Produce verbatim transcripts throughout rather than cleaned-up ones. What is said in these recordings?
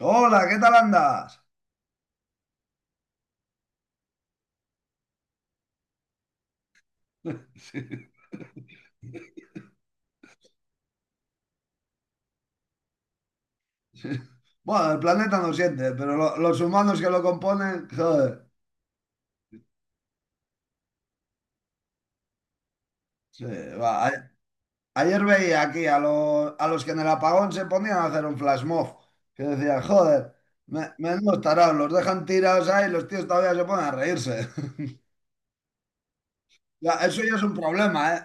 Hola, ¿qué tal andas? Sí, sí. Bueno, el planeta no siente, pero lo- los humanos que lo componen, joder. Sí, va. A- Ayer veía aquí a, lo- a los que en el apagón se ponían a hacer un flash mob, que decían joder, me, menudos tarados, los dejan tirados ahí y los tíos todavía se ponen a reírse. Ya, eso ya es un problema, ¿eh?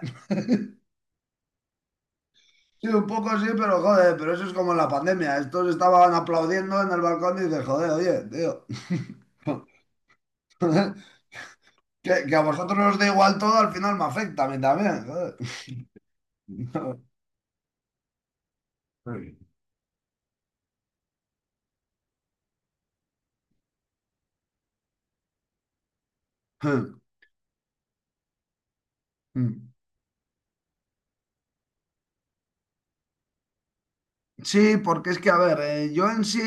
Sí, un poco sí, pero joder, pero eso es como en la pandemia. Estos estaban aplaudiendo en el balcón y dices, joder, oye, tío. Que, que a vosotros os da igual todo, al final me afecta a mí también. Joder. Sí, porque es que, a ver, eh, yo en sí,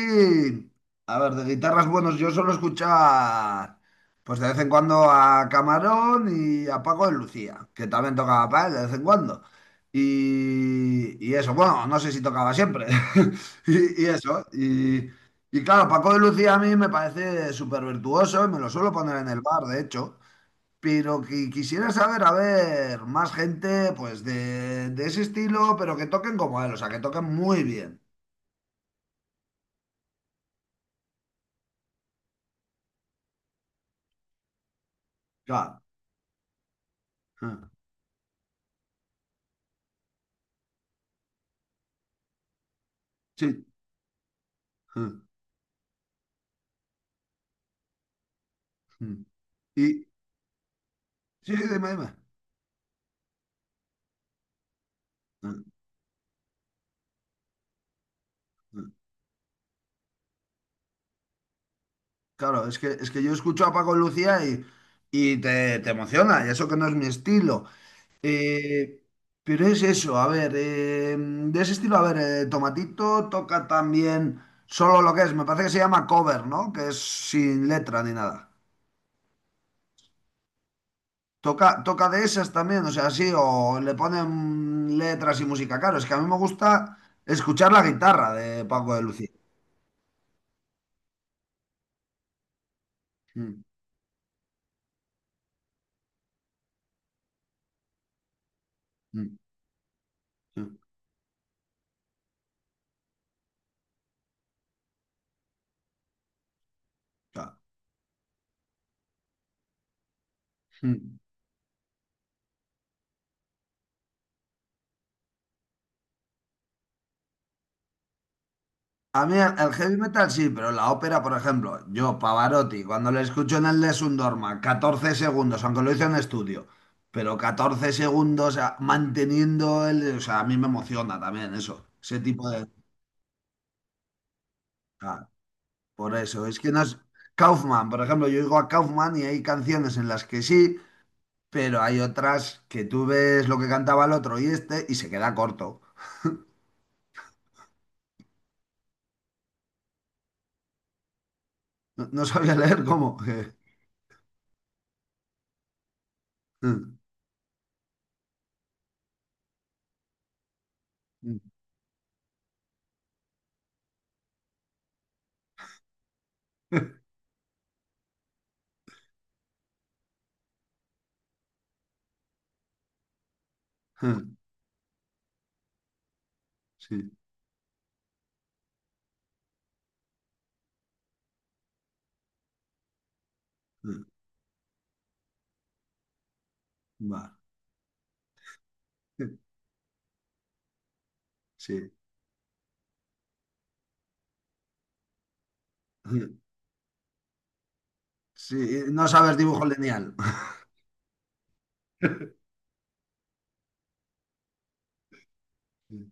a ver, de guitarras buenos, yo solo escuchaba, pues de vez en cuando a Camarón y a Paco de Lucía, que también tocaba para él de vez en cuando. Y, y eso, bueno, no sé si tocaba siempre. Y, y eso, y, y claro, Paco de Lucía a mí me parece súper virtuoso y me lo suelo poner en el bar, de hecho. Pero que quisiera saber, a ver, más gente, pues de, de ese estilo, pero que toquen como él, o sea, que toquen muy bien. Claro. Ah, sí. Ah, mm. Y sí, sí, dime, dime. Ah, ah. Claro, es que, es que yo escucho a Paco Lucía y, y te, te emociona, y eso que no es mi estilo. Eh, pero es eso, a ver, eh, de ese estilo, a ver, eh, Tomatito toca también solo lo que es, me parece que se llama cover, ¿no? Que es sin letra ni nada. Toca, toca de esas también, o sea, sí, o le ponen letras y música. Claro, es que a mí me gusta escuchar la guitarra de Paco de Lucía. Mm, mm, sí, claro. Mm. A mí el, el heavy metal sí, pero la ópera, por ejemplo, yo, Pavarotti, cuando le escucho en el Les un Dorma, catorce segundos, aunque lo hice en estudio, pero catorce segundos, o sea, manteniendo el. O sea, a mí me emociona también eso, ese tipo de. Ah, por eso, es que no es. Kaufman, por ejemplo, yo digo a Kaufman y hay canciones en las que sí, pero hay otras que tú ves lo que cantaba el otro y este y se queda corto. No, no sabía leer cómo. Sí, va. Sí, sí, no sabes dibujo lineal. Sí,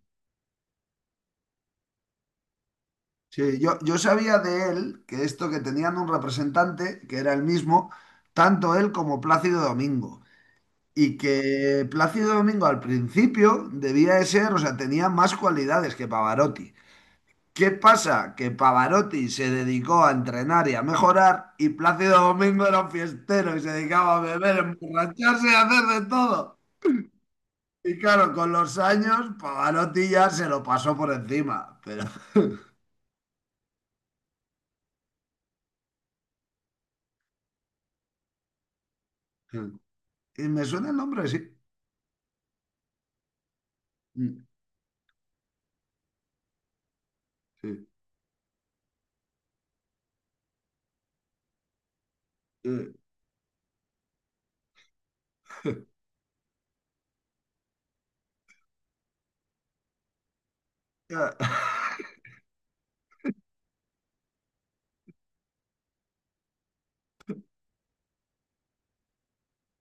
sí, yo, yo sabía de él que esto que tenían un representante, que era el mismo, tanto él como Plácido Domingo. Y que Plácido Domingo al principio debía de ser, o sea, tenía más cualidades que Pavarotti. ¿Qué pasa? Que Pavarotti se dedicó a entrenar y a mejorar y Plácido Domingo era un fiestero y se dedicaba a beber, emborracharse y a hacer de todo. Y claro, con los años Pavarotti ya se lo pasó por encima. Pero... Y me suena el nombre, sí. Mm, sí.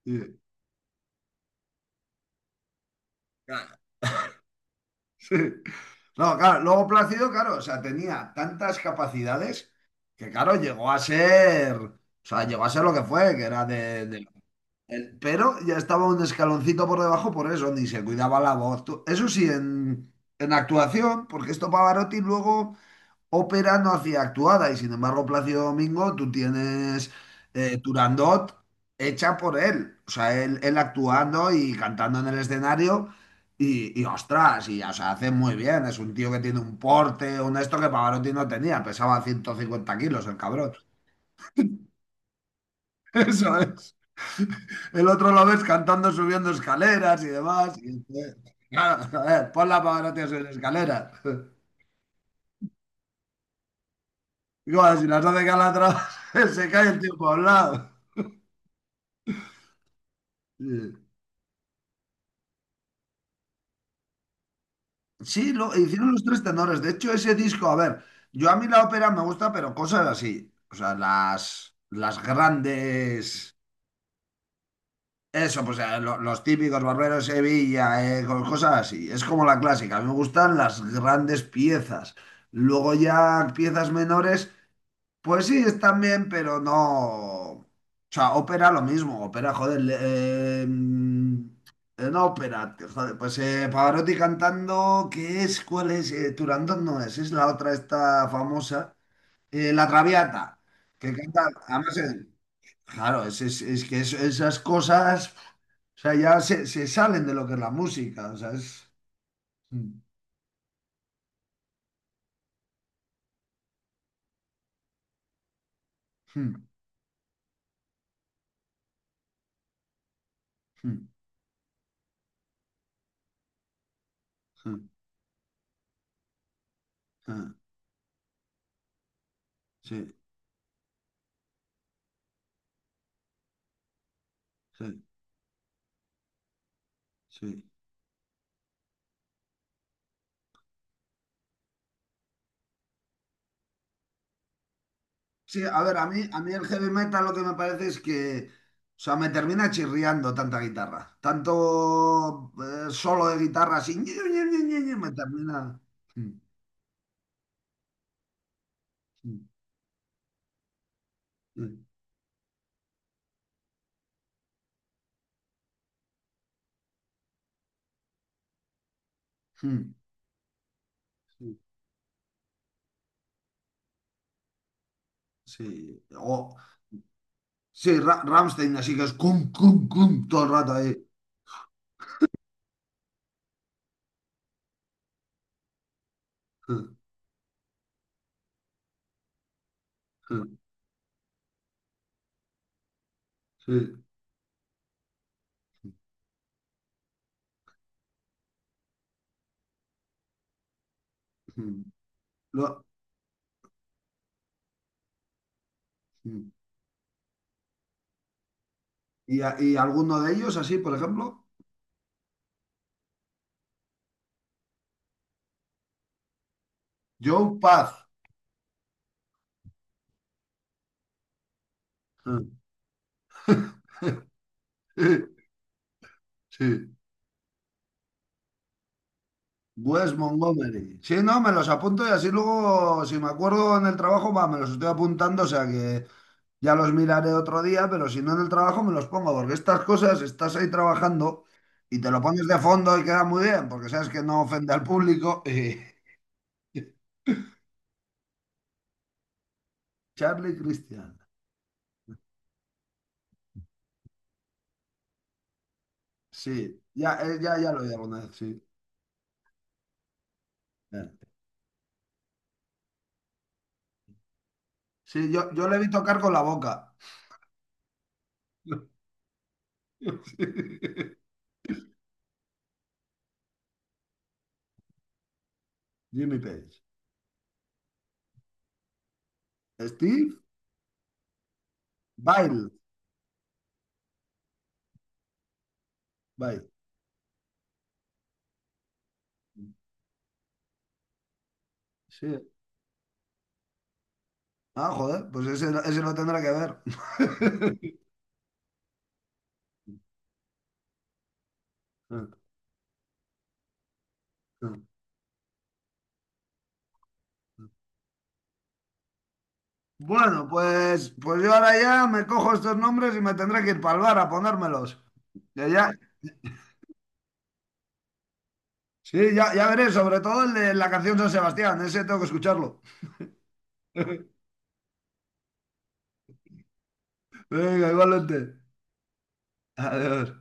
Sí. Sí. No, claro, luego Plácido, claro, o sea, tenía tantas capacidades que, claro, llegó a ser, o sea, llegó a ser lo que fue, que era de, de El- pero ya estaba un escaloncito por debajo por eso, ni se cuidaba la voz. Tú- Eso sí, en, en actuación, porque esto Pavarotti luego ópera no hacía actuada y sin embargo Plácido Domingo tú tienes eh, Turandot hecha por él. O sea, él, él actuando y cantando en el escenario y, y, ostras, y o sea, hace muy bien. Es un tío que tiene un porte, un esto que Pavarotti no tenía, pesaba ciento cincuenta kilos el cabrón. Eso es. El otro lo ves cantando, subiendo escaleras y demás. Y, eh, claro, a ver, ponla para que no te subir escaleras. Igual, si las hace calatras, se cae el tiempo a un lado. Sí, sí, lo, hicieron los tres tenores. De hecho, ese disco, a ver, yo a mí la ópera me gusta, pero cosas así. O sea, las, las grandes. Eso, pues eh, lo- los típicos Barberos de Sevilla, eh, co- cosas así. Es como la clásica. A mí me gustan las grandes piezas. Luego ya piezas menores. Pues sí, están bien, pero no. O sea, ópera lo mismo, ópera, joder. Le- eh, eh, no ópera, te- joder, pues eh, Pavarotti cantando, ¿qué es? ¿Cuál es? Eh, Turandot no es, es la otra esta famosa, eh, La Traviata, que canta, además, eh, claro, es, es- es que es- esas cosas, o sea, ya se, se salen de lo que es la música, o sea, es... Sí, sí, sí, sí, sí. Sí, a ver, a mí, a mí el heavy metal lo que me parece es que, o sea, me termina chirriando tanta guitarra. Tanto eh, solo de guitarra así, ñe, ñe, ñe, ñe, ñe, me termina. Mm, mm, mm, mm, sí, sí. O, sí, Ra- Rammstein, así que es cum, cum, cum, todo el rato ahí. Mm, mm, sí. Mm. Mm. Lo- mm. Y, a- y alguno de ellos, así, por ejemplo, Joe Paz. Sí. Wes Montgomery. Sí, no, me los apunto y así luego, si me acuerdo en el trabajo, va, me los estoy apuntando, o sea que ya los miraré otro día, pero si no en el trabajo me los pongo, porque estas cosas estás ahí trabajando y te lo pones de fondo y queda muy bien, porque sabes que no ofende al público. y- Charlie Christian. Sí, ya, eh, ya, ya lo oí alguna vez, sí. Ya. Sí, yo, yo le vi tocar con la boca. Jimmy Page. Steve Bile. Bile. Sí, ah, joder, pues ese, no- ese no tendrá que ver. Bueno, pues, pues yo ahora ya me cojo estos nombres y me tendré que ir para el bar a ponérmelos. Ya, ya, sí, ya, ya veré, sobre todo el de la canción San Sebastián, ese tengo que escucharlo. Venga, igualmente. Adiós.